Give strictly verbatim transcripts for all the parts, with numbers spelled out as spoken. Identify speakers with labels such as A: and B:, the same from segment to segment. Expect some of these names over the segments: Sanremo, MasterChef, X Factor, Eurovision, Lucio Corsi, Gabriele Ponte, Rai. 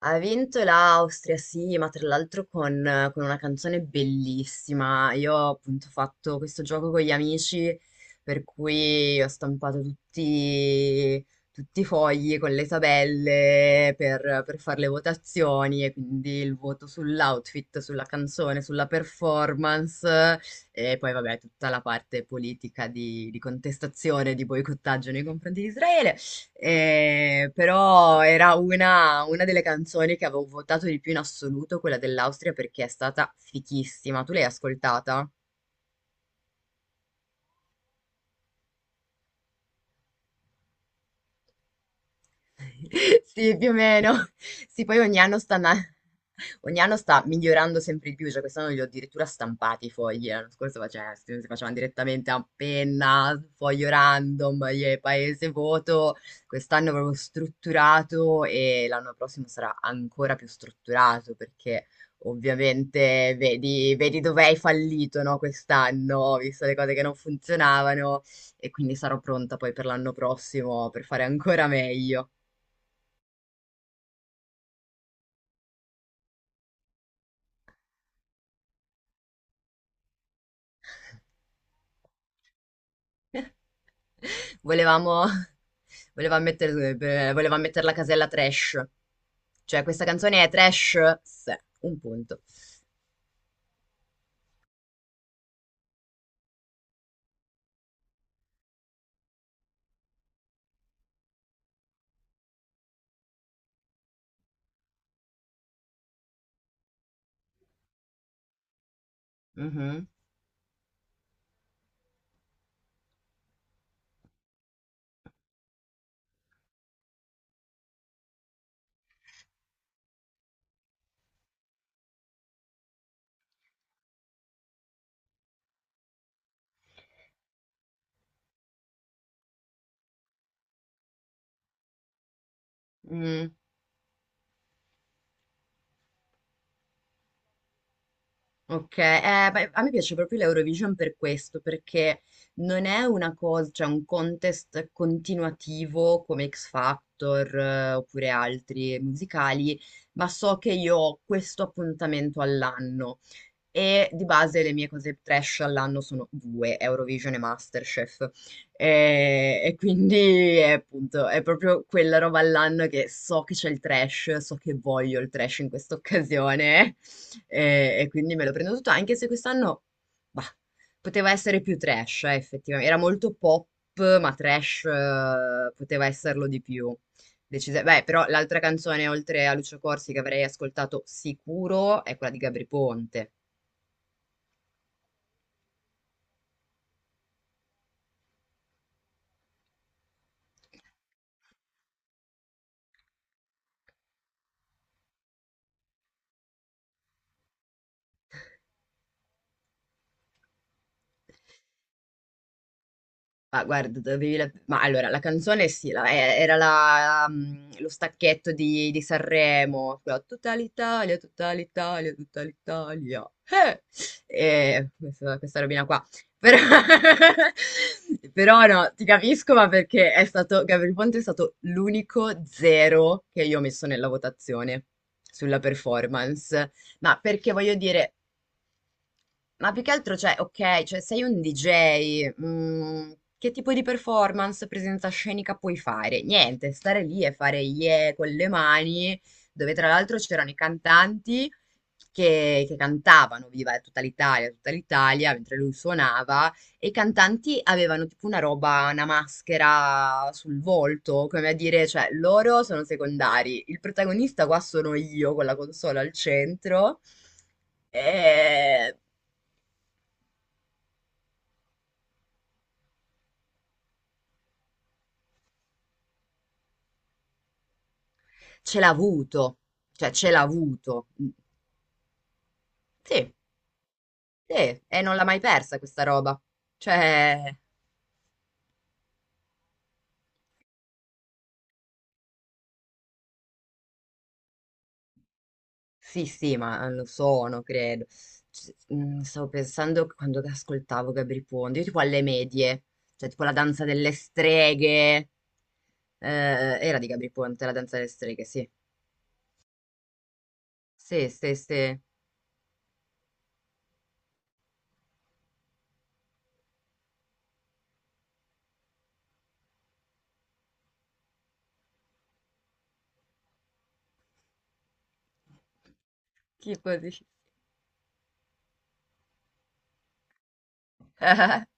A: Ha vinto l'Austria, sì, ma tra l'altro con, con una canzone bellissima. Io ho appunto fatto questo gioco con gli amici, per cui ho stampato tutti, tutti i fogli con le tabelle per, per fare le votazioni e quindi il voto sull'outfit, sulla canzone, sulla performance e poi vabbè tutta la parte politica di, di contestazione, di boicottaggio nei confronti di Israele. Eh, però era una, una delle canzoni che avevo votato di più in assoluto, quella dell'Austria, perché è stata fichissima. Tu l'hai ascoltata? Sì, più o meno. Sì, poi ogni anno stanno... ogni anno sta migliorando sempre di più, cioè quest'anno li ho addirittura stampati i fogli, l'anno scorso faceva- si facevano direttamente a penna, foglio random, e paese voto. Quest'anno è proprio strutturato e l'anno prossimo sarà ancora più strutturato perché ovviamente vedi, vedi dove hai fallito, no, quest'anno, visto le cose che non funzionavano, e quindi sarò pronta poi per l'anno prossimo per fare ancora meglio. Volevamo, voleva mettere, eh, voleva mettere la casella trash. Cioè, questa canzone è trash? Sì, un punto. Mhm. Mm, ok, Eh, beh, a me piace proprio l'Eurovision per questo, perché non è una cosa, cioè un contest continuativo come X Factor, eh, oppure altri musicali, ma so che io ho questo appuntamento all'anno. E di base le mie cose trash all'anno sono due, Eurovision e MasterChef. E, e quindi è, appunto, è proprio quella roba all'anno che so che c'è il trash, so che voglio il trash in questa occasione, e, e quindi me lo prendo tutto, anche se quest'anno, bah, poteva essere più trash, eh, effettivamente. Era molto pop, ma trash, eh, poteva esserlo di più. Decise- Beh, però l'altra canzone, oltre a Lucio Corsi, che avrei ascoltato sicuro, è quella di Gabri Ponte. Ma guarda, dovevi la ma allora la canzone sì, la e era la mhmm, lo stacchetto di di Sanremo, quella "Tutta l'Italia, tutta l'Italia, tutta l'Italia, eh!" Ehm, questa questa robina qua. Però però no, ti capisco, ma perché è stato Gabriele Ponte è stato l'unico zero che io ho messo nella votazione sulla performance. Ma perché voglio dire Ma più che altro, cioè, ok, cioè sei un D J, mm, che tipo di performance, presenza scenica puoi fare? Niente, stare lì e fare yeah con le mani, dove tra l'altro c'erano i cantanti che, che cantavano, viva tutta l'Italia, tutta l'Italia, mentre lui suonava, e i cantanti avevano tipo una roba, una maschera sul volto, come a dire, cioè, loro sono secondari, il protagonista qua sono io con la console al centro. E Ce l'ha avuto, cioè ce l'ha avuto. Mm, sì, sì, e non l'ha mai persa questa roba. Cioè, sì, sì, ma lo sono, credo. C- mm, Stavo pensando che quando ascoltavo Gabri Ponte, io tipo alle medie, cioè tipo la danza delle streghe. Eh, era di Gabri Ponte, la danza delle streghe, sì. Sì, sì, sì. Tipo di...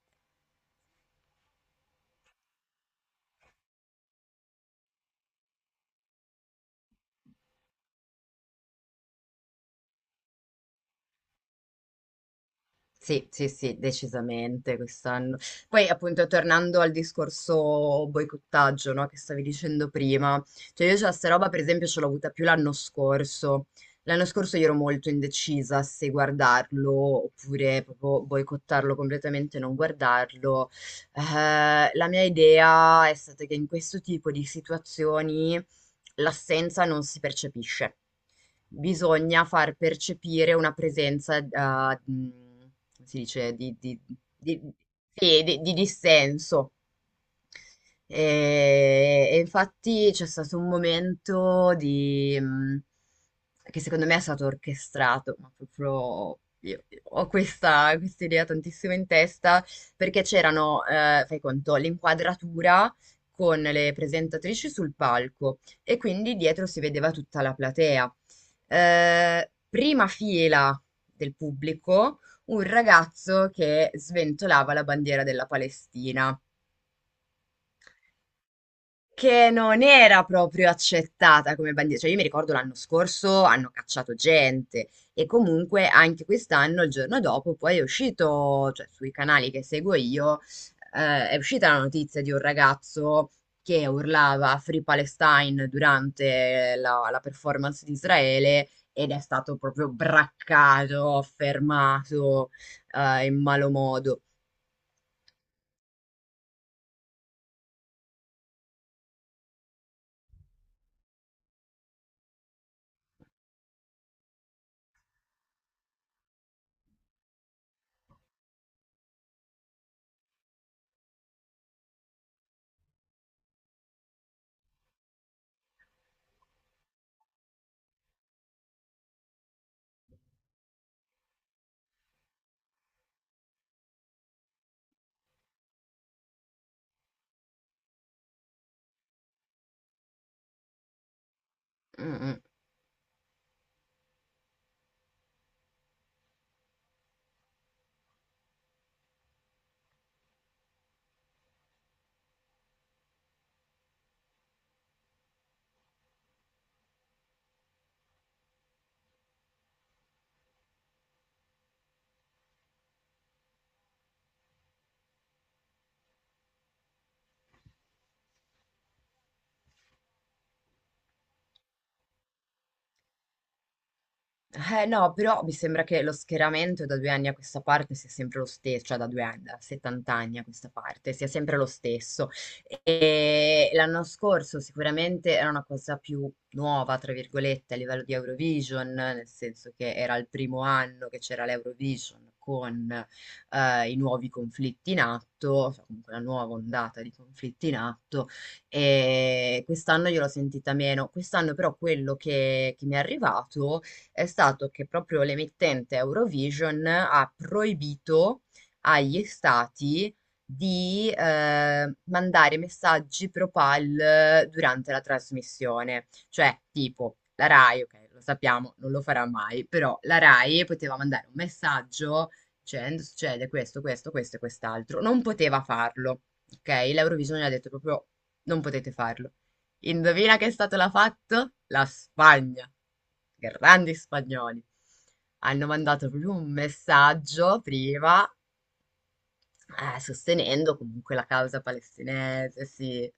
A: Sì, sì, sì, decisamente quest'anno. Poi appunto tornando al discorso boicottaggio, no, che stavi dicendo prima, cioè io già sta roba per esempio ce l'ho avuta più l'anno scorso. L'anno scorso io ero molto indecisa se guardarlo oppure proprio boicottarlo completamente e non guardarlo. Eh, la mia idea è stata che in questo tipo di situazioni l'assenza non si percepisce, bisogna far percepire una presenza, eh, mh, come si dice, di, di, di- sì, di- di dissenso, e, e infatti c'è stato un momento di, mh, che secondo me è stato orchestrato, ma proprio io, io ho questa, questa idea tantissimo in testa, perché c'erano, eh, fai conto, l'inquadratura con le presentatrici sul palco e quindi dietro si vedeva tutta la platea. Eh, prima fila del pubblico, un ragazzo che sventolava la bandiera della Palestina, che non era proprio accettata come bandiera. Cioè, io mi ricordo l'anno scorso hanno cacciato gente, e comunque anche quest'anno, il giorno dopo, poi è uscito, cioè sui canali che seguo io, eh, è uscita la notizia di un ragazzo che urlava Free Palestine durante la, la performance di Israele, ed è stato proprio braccato, fermato, eh, in malo modo. Mm, mm. Eh no, però mi sembra che lo schieramento da due anni a questa parte sia sempre lo stesso, cioè da due anni, da settanta anni a questa parte, sia sempre lo stesso. E l'anno scorso sicuramente era una cosa più nuova, tra virgolette, a livello di Eurovision, nel senso che era il primo anno che c'era l'Eurovision con eh, i nuovi conflitti in atto, cioè comunque la nuova ondata di conflitti in atto, e quest'anno io l'ho sentita meno. Quest'anno però quello che, che mi è arrivato è stato che proprio l'emittente Eurovision ha proibito agli stati di eh, mandare messaggi propal durante la trasmissione. Cioè, tipo, la Rai, ok, lo sappiamo, non lo farà mai, però la Rai poteva mandare un messaggio dicendo: succede questo, questo, questo e quest'altro. Non poteva farlo, ok? L'Eurovision gli ha detto proprio non potete farlo. Indovina che la fatto? La Spagna. Grandi spagnoli. Hanno mandato proprio un messaggio prima, eh, sostenendo comunque la causa palestinese, sì.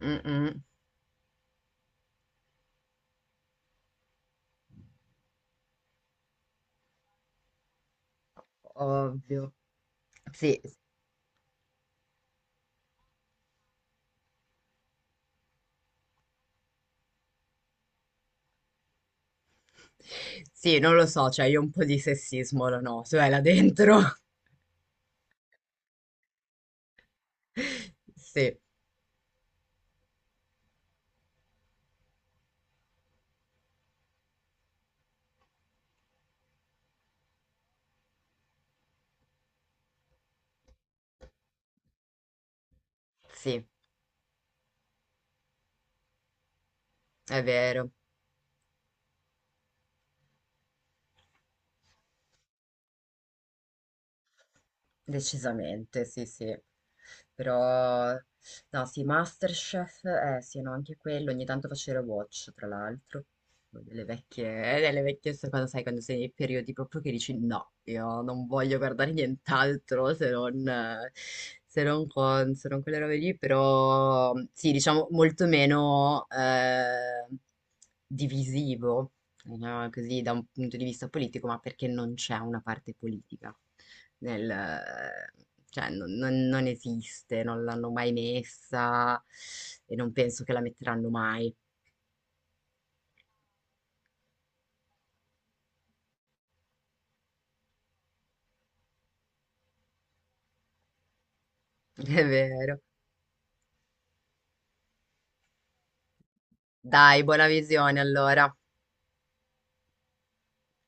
A: Mm, mm, ovvio. Sì, sì, non lo so, cioè io un po' di sessismo lo noto, eh, là dentro. Sì, sì, è vero. Decisamente, sì, sì. Però, no, sì, MasterChef, eh sì, no, anche quello, ogni tanto facevo watch, tra l'altro, delle vecchie, eh, delle vecchie, se- quando sai, quando sei nei periodi proprio che dici no, io non voglio guardare nient'altro se non, eh, se non con, se non quelle robe lì, però sì, diciamo molto meno, eh, divisivo, no, così da un punto di vista politico, ma perché non c'è una parte politica nel, cioè, non, non- non esiste, non l'hanno mai messa e non penso che la metteranno mai. È vero. Dai, buona visione allora.